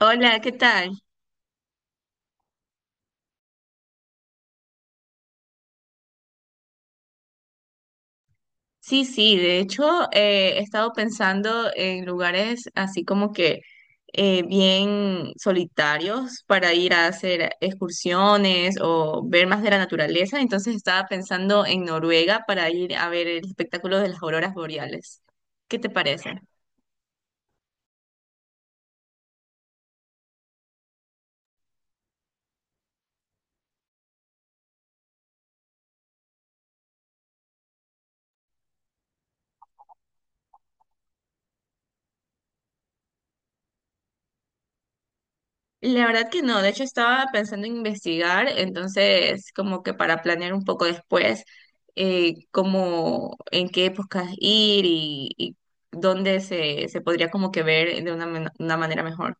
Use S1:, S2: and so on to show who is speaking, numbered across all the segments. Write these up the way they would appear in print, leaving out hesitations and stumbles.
S1: Hola, ¿qué tal? Sí, sí, de hecho he estado pensando en lugares así como que bien solitarios para ir a hacer excursiones o ver más de la naturaleza, entonces estaba pensando en Noruega para ir a ver el espectáculo de las auroras boreales. ¿Qué te parece? La verdad que no, de hecho estaba pensando en investigar, entonces como que para planear un poco después cómo, en qué épocas ir y dónde se podría como que ver de una, una manera mejor.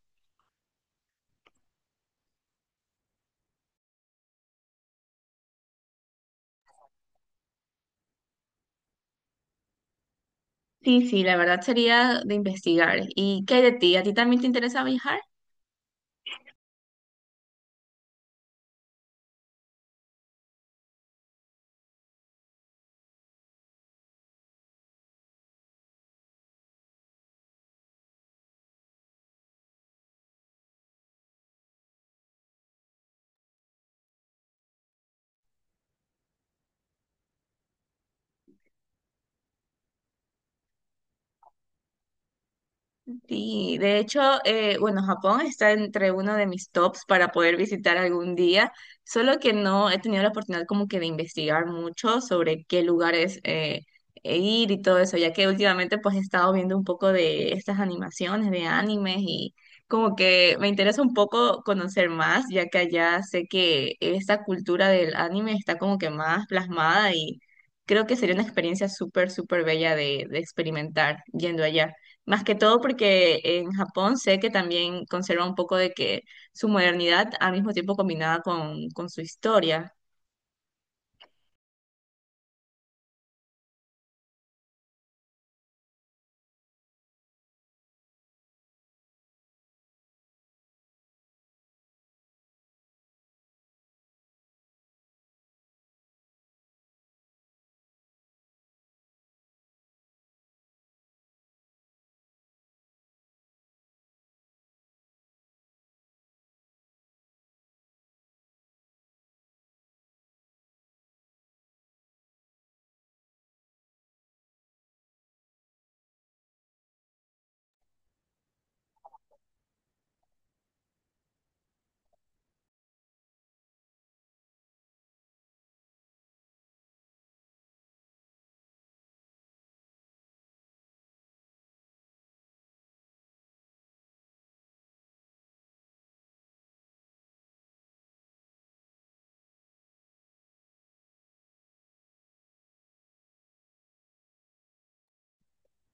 S1: Sí, sí, la verdad sería de investigar. ¿Y qué hay de ti? ¿A ti también te interesa viajar? Sí, de hecho, bueno, Japón está entre uno de mis tops para poder visitar algún día, solo que no he tenido la oportunidad como que de investigar mucho sobre qué lugares e ir y todo eso, ya que últimamente pues he estado viendo un poco de estas animaciones, de animes y como que me interesa un poco conocer más, ya que allá sé que esta cultura del anime está como que más plasmada y creo que sería una experiencia súper, súper bella de experimentar yendo allá. Más que todo porque en Japón sé que también conserva un poco de que su modernidad al mismo tiempo combinada con su historia.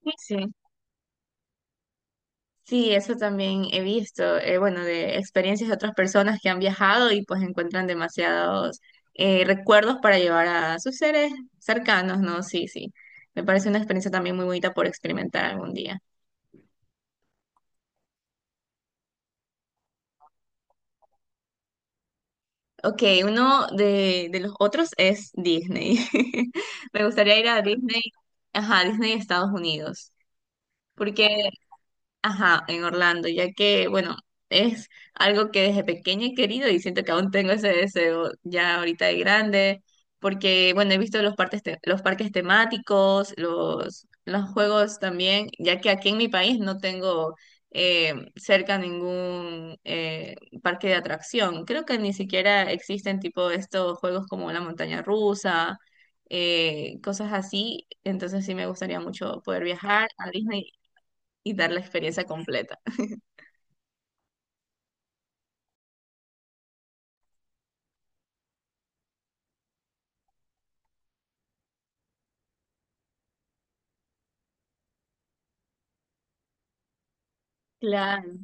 S1: Sí, sí. Sí, eso también he visto, bueno, de experiencias de otras personas que han viajado y pues encuentran demasiados recuerdos para llevar a sus seres cercanos, ¿no? Sí, sí. Me parece una experiencia también muy bonita por experimentar algún día. Ok, uno de los otros es Disney. Me gustaría ir a Disney, ajá, Disney Estados Unidos. Porque, ajá, en Orlando, ya que, bueno, es algo que desde pequeña he querido y siento que aún tengo ese deseo ya ahorita de grande, porque, bueno, he visto los parques, los parques temáticos, los juegos también, ya que aquí en mi país no tengo cerca ningún parque de atracción. Creo que ni siquiera existen tipo estos juegos como la montaña rusa. Cosas así, entonces sí me gustaría mucho poder viajar a Disney y dar la experiencia completa. Claro.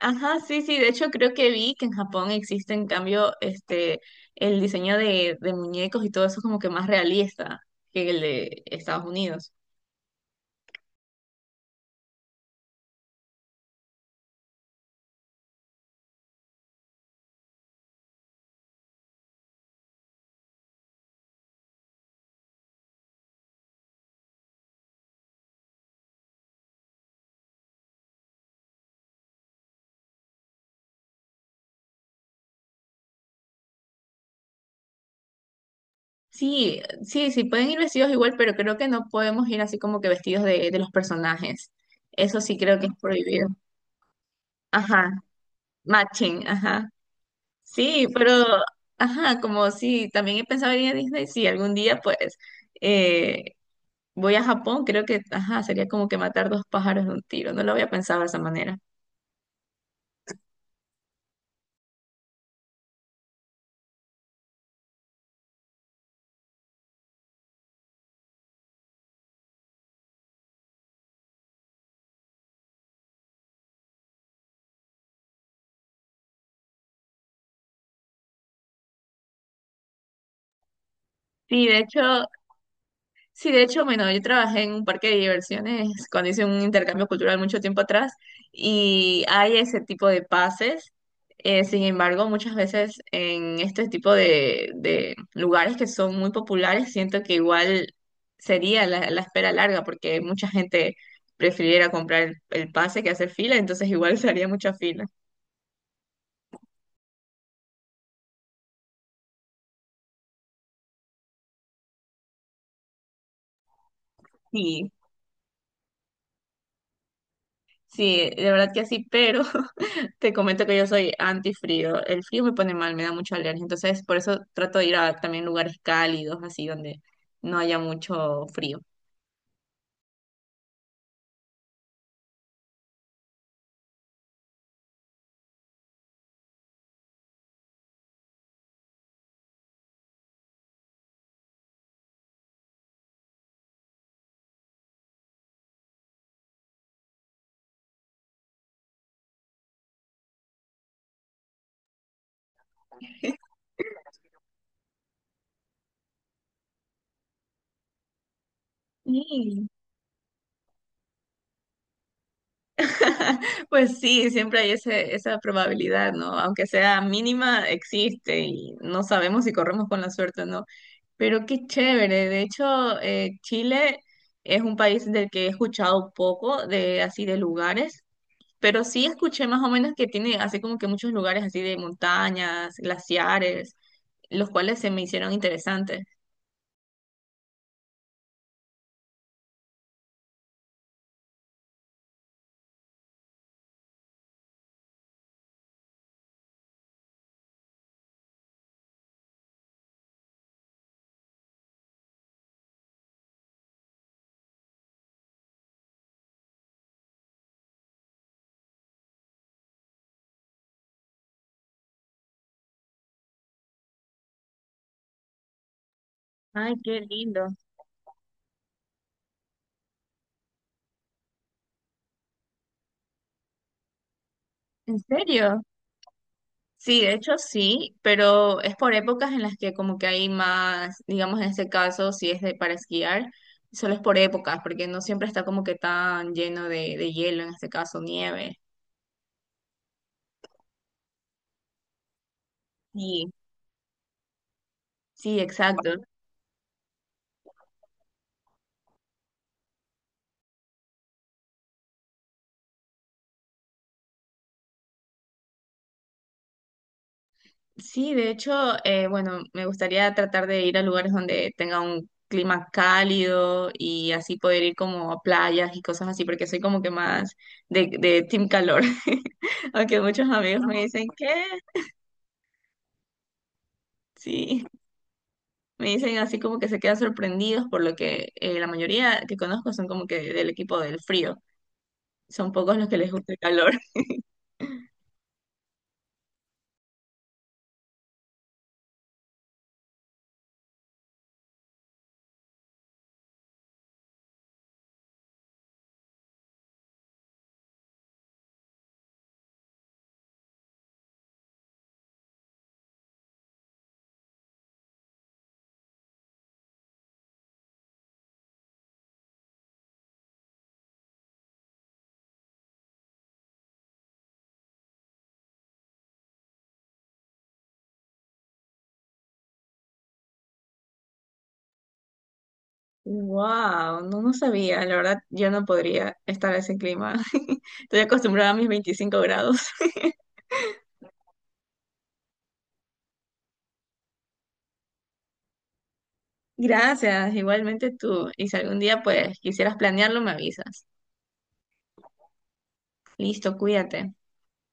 S1: Ajá, sí, sí, de hecho creo que vi que en Japón existe en cambio este el diseño de muñecos y todo eso como que más realista que el de Estados Unidos. Sí, sí, sí, pueden ir vestidos igual, pero creo que no podemos ir así como que vestidos de los personajes. Eso sí creo que es prohibido. Ajá, matching, ajá. Sí, pero, ajá, como sí, también he pensado en ir a Disney, sí, algún día pues eh, voy a Japón, creo que, ajá, sería como que matar dos pájaros de un tiro. No lo había pensado de esa manera. Sí, de hecho, sí, de hecho, bueno, yo trabajé en un parque de diversiones cuando hice un intercambio cultural mucho tiempo atrás y hay ese tipo de pases. Sin embargo, muchas veces en este tipo de lugares que son muy populares, siento que igual sería la espera larga porque mucha gente prefiriera comprar el pase que hacer fila, entonces igual se mucha fila. Sí. Sí, de verdad que sí, pero te comento que yo soy antifrío. El frío me pone mal, me da mucha alergia. Entonces, por eso trato de ir a también lugares cálidos, así donde no haya mucho frío. Sí. Pues sí, siempre hay ese, esa probabilidad, ¿no? Aunque sea mínima, existe y no sabemos si corremos con la suerte o no. Pero qué chévere. De hecho, Chile es un país del que he escuchado poco, de así de lugares. Pero sí escuché más o menos que tiene así como que muchos lugares así de montañas, glaciares, los cuales se me hicieron interesantes. Ay, qué lindo. ¿En serio? Sí, de hecho sí, pero es por épocas en las que como que hay más, digamos en este caso, si es de para esquiar, solo es por épocas, porque no siempre está como que tan lleno de hielo, en este caso nieve. Sí, sí, exacto. Sí, de hecho, bueno, me gustaría tratar de ir a lugares donde tenga un clima cálido y así poder ir como a playas y cosas así, porque soy como que más de team calor. Aunque muchos amigos me dicen que sí, me dicen así como que se quedan sorprendidos por lo que la mayoría que conozco son como que del equipo del frío. Son pocos los que les gusta el calor. Wow, no, no sabía. La verdad, yo no podría estar en ese clima. Estoy acostumbrada a mis 25 grados. Gracias, igualmente tú. Y si algún día pues quisieras planearlo, me avisas. Listo, cuídate.